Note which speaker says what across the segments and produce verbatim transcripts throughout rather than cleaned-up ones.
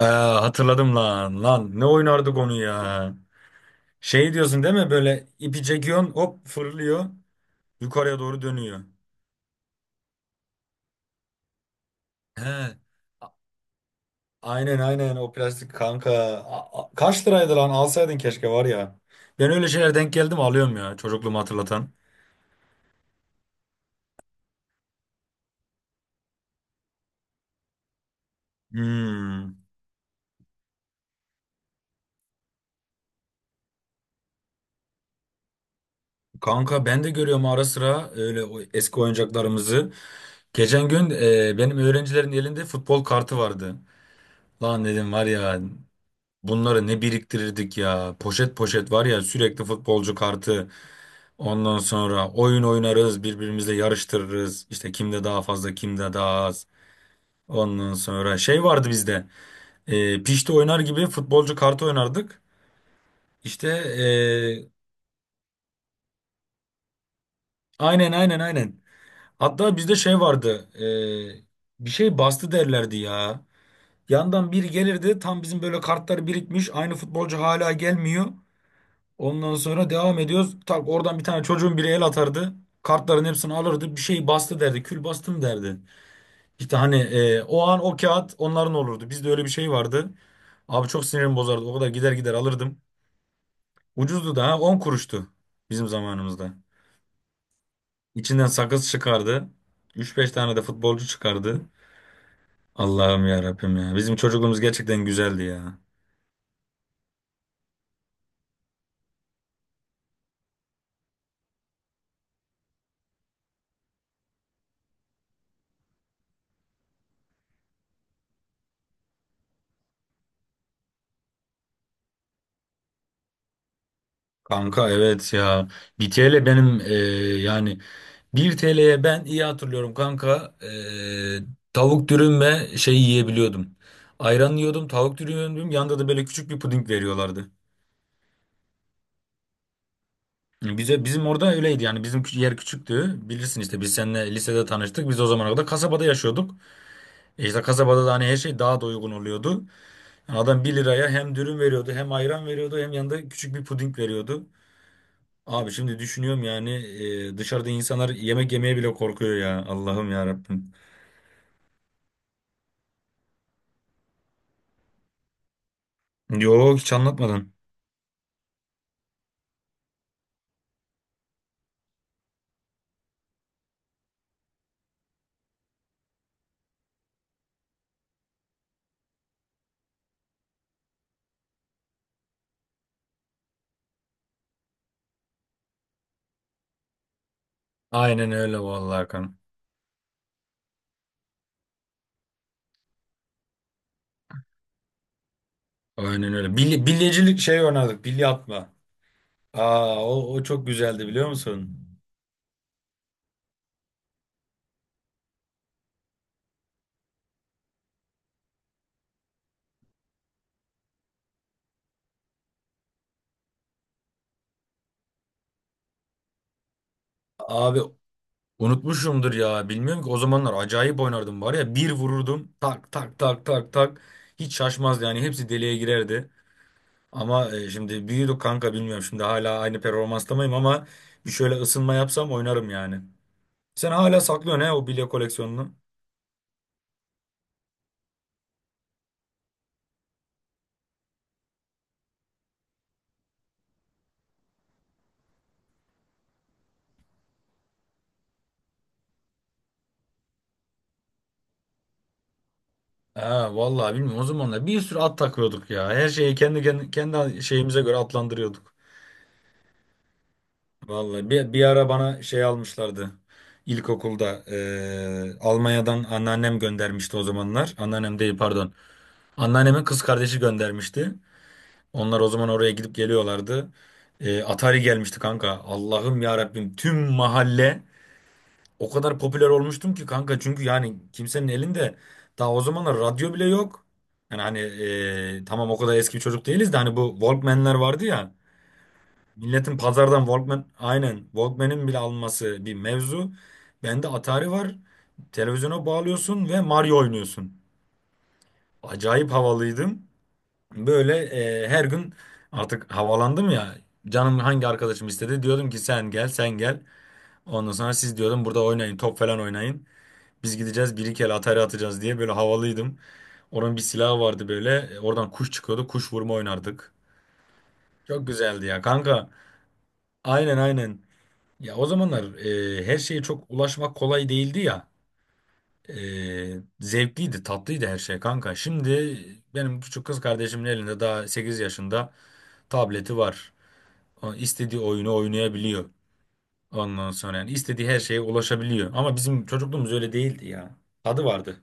Speaker 1: Aa, hatırladım lan. Lan ne oynardık onu ya. Şey diyorsun değil mi? Böyle ipi çekiyorsun hop fırlıyor. Yukarıya doğru dönüyor. He. A- Aynen aynen o plastik kanka. A- a- kaç liraydı lan? Alsaydın keşke var ya. Ben öyle şeyler denk geldim alıyorum ya. Çocukluğumu hatırlatan. Hmm. Kanka ben de görüyorum ara sıra öyle o eski oyuncaklarımızı. Geçen gün e, benim öğrencilerin elinde futbol kartı vardı. Lan dedim var ya. Bunları ne biriktirirdik ya. Poşet poşet var ya sürekli futbolcu kartı. Ondan sonra oyun oynarız, birbirimizle yarıştırırız. İşte kimde daha fazla, kimde daha az. Ondan sonra şey vardı bizde. E, pişti oynar gibi futbolcu kartı oynardık. İşte e, aynen aynen aynen. Hatta bizde şey vardı. E, bir şey bastı derlerdi ya. Yandan biri gelirdi. Tam bizim böyle kartlar birikmiş. Aynı futbolcu hala gelmiyor. Ondan sonra devam ediyoruz. Tak oradan bir tane çocuğun biri el atardı. Kartların hepsini alırdı. Bir şey bastı derdi. Kül bastım derdi. İşte hani e, o an o kağıt onların olurdu. Bizde öyle bir şey vardı. Abi çok sinirimi bozardı. O kadar gider gider alırdım. Ucuzdu da ha on kuruştu bizim zamanımızda. İçinden sakız çıkardı. Üç beş tane de futbolcu çıkardı. Allah'ım ya Rabbim ya. Bizim çocukluğumuz gerçekten güzeldi ya. Kanka evet ya. Bir T L benim e, yani bir T L'ye ben iyi hatırlıyorum kanka. E, tavuk dürüm ve şey yiyebiliyordum. Ayran yiyordum, tavuk dürüm yiyordum. Yanında da böyle küçük bir puding veriyorlardı. Bize bizim orada öyleydi yani bizim küç- yer küçüktü. Bilirsin işte biz seninle lisede tanıştık. Biz o zamana kadar kasabada yaşıyorduk. E işte kasabada da hani her şey daha da uygun oluyordu. Yani adam bir liraya hem dürüm veriyordu, hem ayran veriyordu, hem yanında küçük bir puding veriyordu. Abi şimdi düşünüyorum yani e, dışarıda insanlar yemek yemeye bile korkuyor ya. Allah'ım ya Rabbim. Yok hiç anlatmadın. Aynen öyle vallahi Hakan. Aynen öyle. Bilye, bilyecilik şey oynardık. Bilye atma. Aa o, o çok güzeldi biliyor musun? Abi unutmuşumdur ya. Bilmiyorum ki o zamanlar acayip oynardım var ya. Bir vururdum tak tak tak tak tak. Hiç şaşmazdı yani hepsi deliğe girerdi. Ama e, şimdi büyüdük kanka bilmiyorum. Şimdi hala aynı performansta mıyım ama bir şöyle ısınma yapsam oynarım yani. Sen hala saklıyorsun he o bilye koleksiyonunu. Ha vallahi bilmiyorum o zamanlar bir sürü at takıyorduk ya. Her şeyi kendi kendi, kendi şeyimize göre atlandırıyorduk. Vallahi bir, bir ara bana şey almışlardı. İlkokulda eee, Almanya'dan anneannem göndermişti o zamanlar. Anneannem değil pardon. Anneannemin kız kardeşi göndermişti. Onlar o zaman oraya gidip geliyorlardı. Eee, Atari gelmişti kanka. Allah'ım ya Rabbim tüm mahalle. O kadar popüler olmuştum ki kanka çünkü yani kimsenin elinde daha o zamanlar radyo bile yok. Yani hani e, tamam o kadar eski bir çocuk değiliz de hani bu Walkman'ler vardı ya. Milletin pazardan Walkman aynen Walkman'in bile alması bir mevzu. Bende Atari var. Televizyona bağlıyorsun ve Mario oynuyorsun. Acayip havalıydım. Böyle e, her gün artık havalandım ya. Canım hangi arkadaşım istedi diyordum ki sen gel sen gel. Ondan sonra siz diyordum burada oynayın top falan oynayın. Biz gideceğiz bir iki el Atari atacağız diye böyle havalıydım. Onun bir silahı vardı böyle. E, Oradan kuş çıkıyordu. Kuş vurma oynardık. Çok güzeldi ya kanka. Aynen aynen. Ya o zamanlar e, her şeye çok ulaşmak kolay değildi ya. E, Zevkliydi, tatlıydı her şey kanka. Şimdi benim küçük kız kardeşimin elinde daha sekiz yaşında tableti var. O istediği oyunu oynayabiliyor. Ondan sonra yani istediği her şeye ulaşabiliyor. Ama bizim çocukluğumuz öyle değildi ya. Tadı vardı.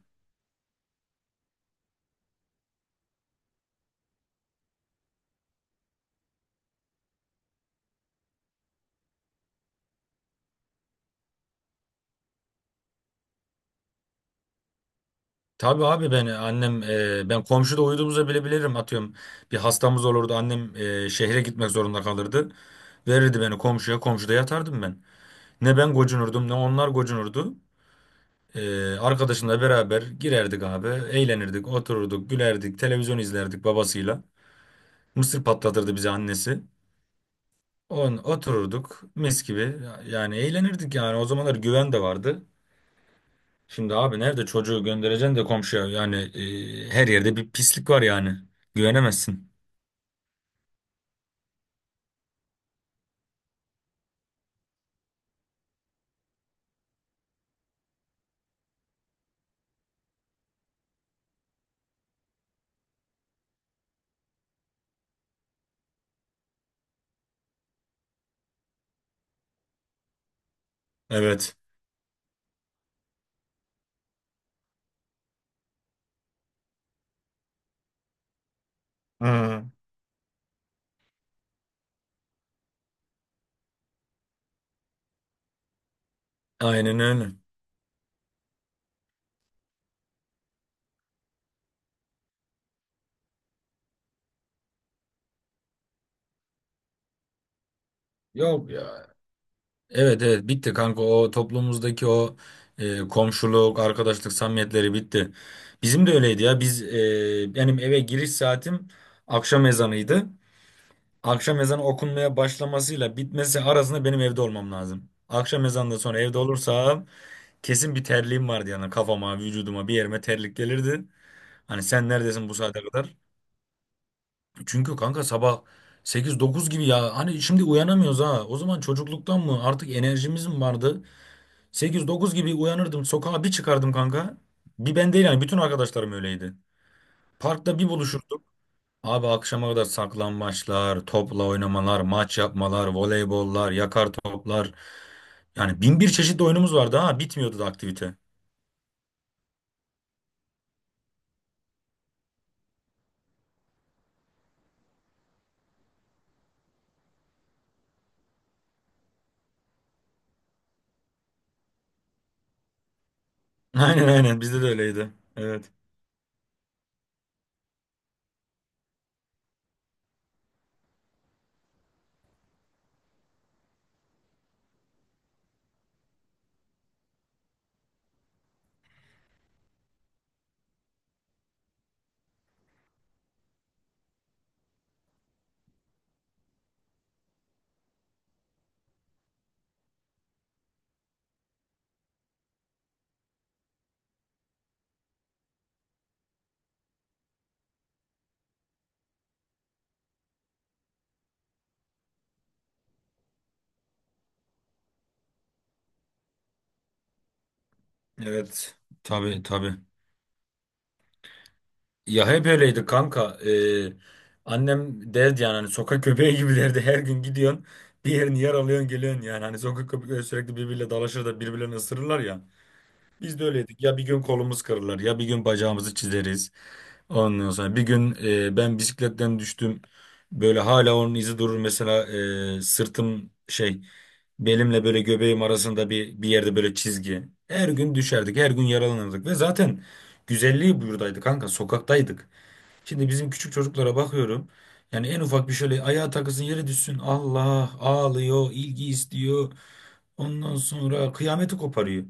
Speaker 1: Tabii abi ben annem e, ben komşuda uyuduğumuzu bile bilirim atıyorum. Bir hastamız olurdu annem e, şehre gitmek zorunda kalırdı. Verirdi beni komşuya komşuda yatardım ben. Ne ben gocunurdum ne onlar gocunurdu. E, arkadaşımla beraber girerdik abi eğlenirdik otururduk gülerdik televizyon izlerdik babasıyla. Mısır patlatırdı bize annesi. On otururduk mis gibi yani eğlenirdik yani o zamanlar güven de vardı. Şimdi abi nerede çocuğu göndereceksin de komşuya yani e, her yerde bir pislik var yani. Güvenemezsin. Evet. Hı. Aynen öyle. Yok ya. Evet evet bitti kanka o toplumumuzdaki o e, komşuluk, arkadaşlık samimiyetleri bitti. Bizim de öyleydi ya. Biz e, benim eve giriş saatim akşam ezanıydı. Akşam ezanı okunmaya başlamasıyla bitmesi arasında benim evde olmam lazım. Akşam ezanından sonra evde olursam kesin bir terliğim vardı yani kafama, vücuduma, bir yerime terlik gelirdi. Hani sen neredesin bu saate kadar? Çünkü kanka sabah sekiz dokuz gibi ya. Hani şimdi uyanamıyoruz ha. O zaman çocukluktan mı artık enerjimiz mi vardı? Sekiz dokuz gibi uyanırdım. Sokağa bir çıkardım kanka. Bir ben değil yani bütün arkadaşlarım öyleydi. Parkta bir buluşurduk. Abi akşama kadar saklambaçlar, topla oynamalar, maç yapmalar, voleybollar, yakar toplar. Yani bin bir çeşit oyunumuz vardı ha. Bitmiyordu da aktivite. Aynen aynen bizde de öyleydi. Evet. Evet. Tabii tabii. Ya hep öyleydi kanka. Ee, annem derdi yani hani sokak köpeği gibi derdi. Her gün gidiyorsun bir yerini yaralıyorsun geliyorsun yani. Hani sokak köpekleri sürekli birbiriyle dalaşır da birbirlerini ısırırlar ya. Biz de öyleydik. Ya bir gün kolumuz kırılır ya bir gün bacağımızı çizeriz. Ondan sonra bir gün e, ben bisikletten düştüm. Böyle hala onun izi durur. Mesela e, sırtım şey belimle böyle göbeğim arasında bir, bir yerde böyle çizgi. Her gün düşerdik her gün yaralanırdık ve zaten güzelliği buradaydı kanka sokaktaydık. Şimdi bizim küçük çocuklara bakıyorum. Yani en ufak bir şöyle ayağa takılsın yere düşsün. Allah ağlıyor, ilgi istiyor. Ondan sonra kıyameti koparıyor.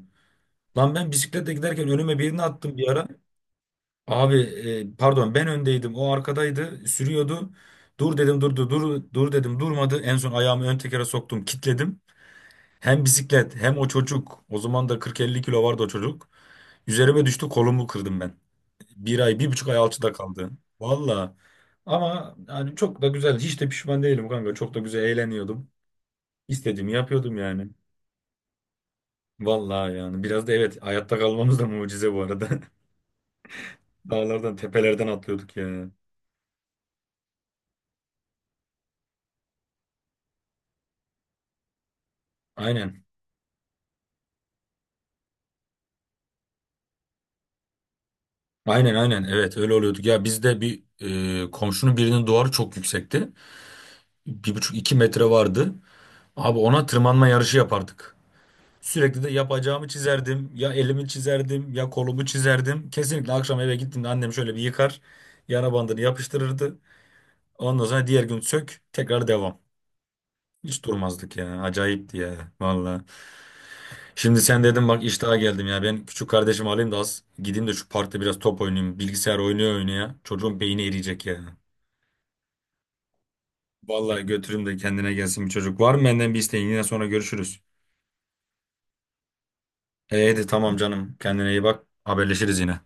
Speaker 1: Lan ben bisikletle giderken önüme birini attım bir ara. Abi e, pardon ben öndeydim o arkadaydı sürüyordu. Dur dedim durdu dur dur dedim durmadı. En son ayağımı ön tekere soktum kitledim. Hem bisiklet hem o çocuk o zaman da kırk elli kilo vardı o çocuk. Üzerime düştü kolumu kırdım ben. Bir ay, bir buçuk ay alçıda kaldı. Valla. Ama yani çok da güzel. Hiç de pişman değilim kanka. Çok da güzel eğleniyordum. İstediğimi yapıyordum yani. Valla yani. Biraz da evet hayatta kalmamız da mucize bu arada. Dağlardan, tepelerden atlıyorduk ya. Aynen. Aynen aynen. Evet öyle oluyorduk. Ya bizde bir e, komşunun birinin duvarı çok yüksekti. Bir buçuk iki metre vardı. Abi ona tırmanma yarışı yapardık. Sürekli de yapacağımı çizerdim, ya elimi çizerdim, ya kolumu çizerdim. Kesinlikle akşam eve gittiğimde annem şöyle bir yıkar, yara bandını yapıştırırdı. Ondan sonra diğer gün sök, tekrar devam. Hiç durmazdık ya. Acayipti ya. Valla. Şimdi sen dedim bak iştaha geldim ya. Ben küçük kardeşimi alayım da az gideyim de şu parkta biraz top oynayayım. Bilgisayar oynuyor oynuyor. Çocuğun beyni eriyecek ya. Vallahi götüreyim de kendine gelsin bir çocuk. Var mı benden bir isteğin? Yine sonra görüşürüz. Hey, hadi tamam canım. Kendine iyi bak. Haberleşiriz yine.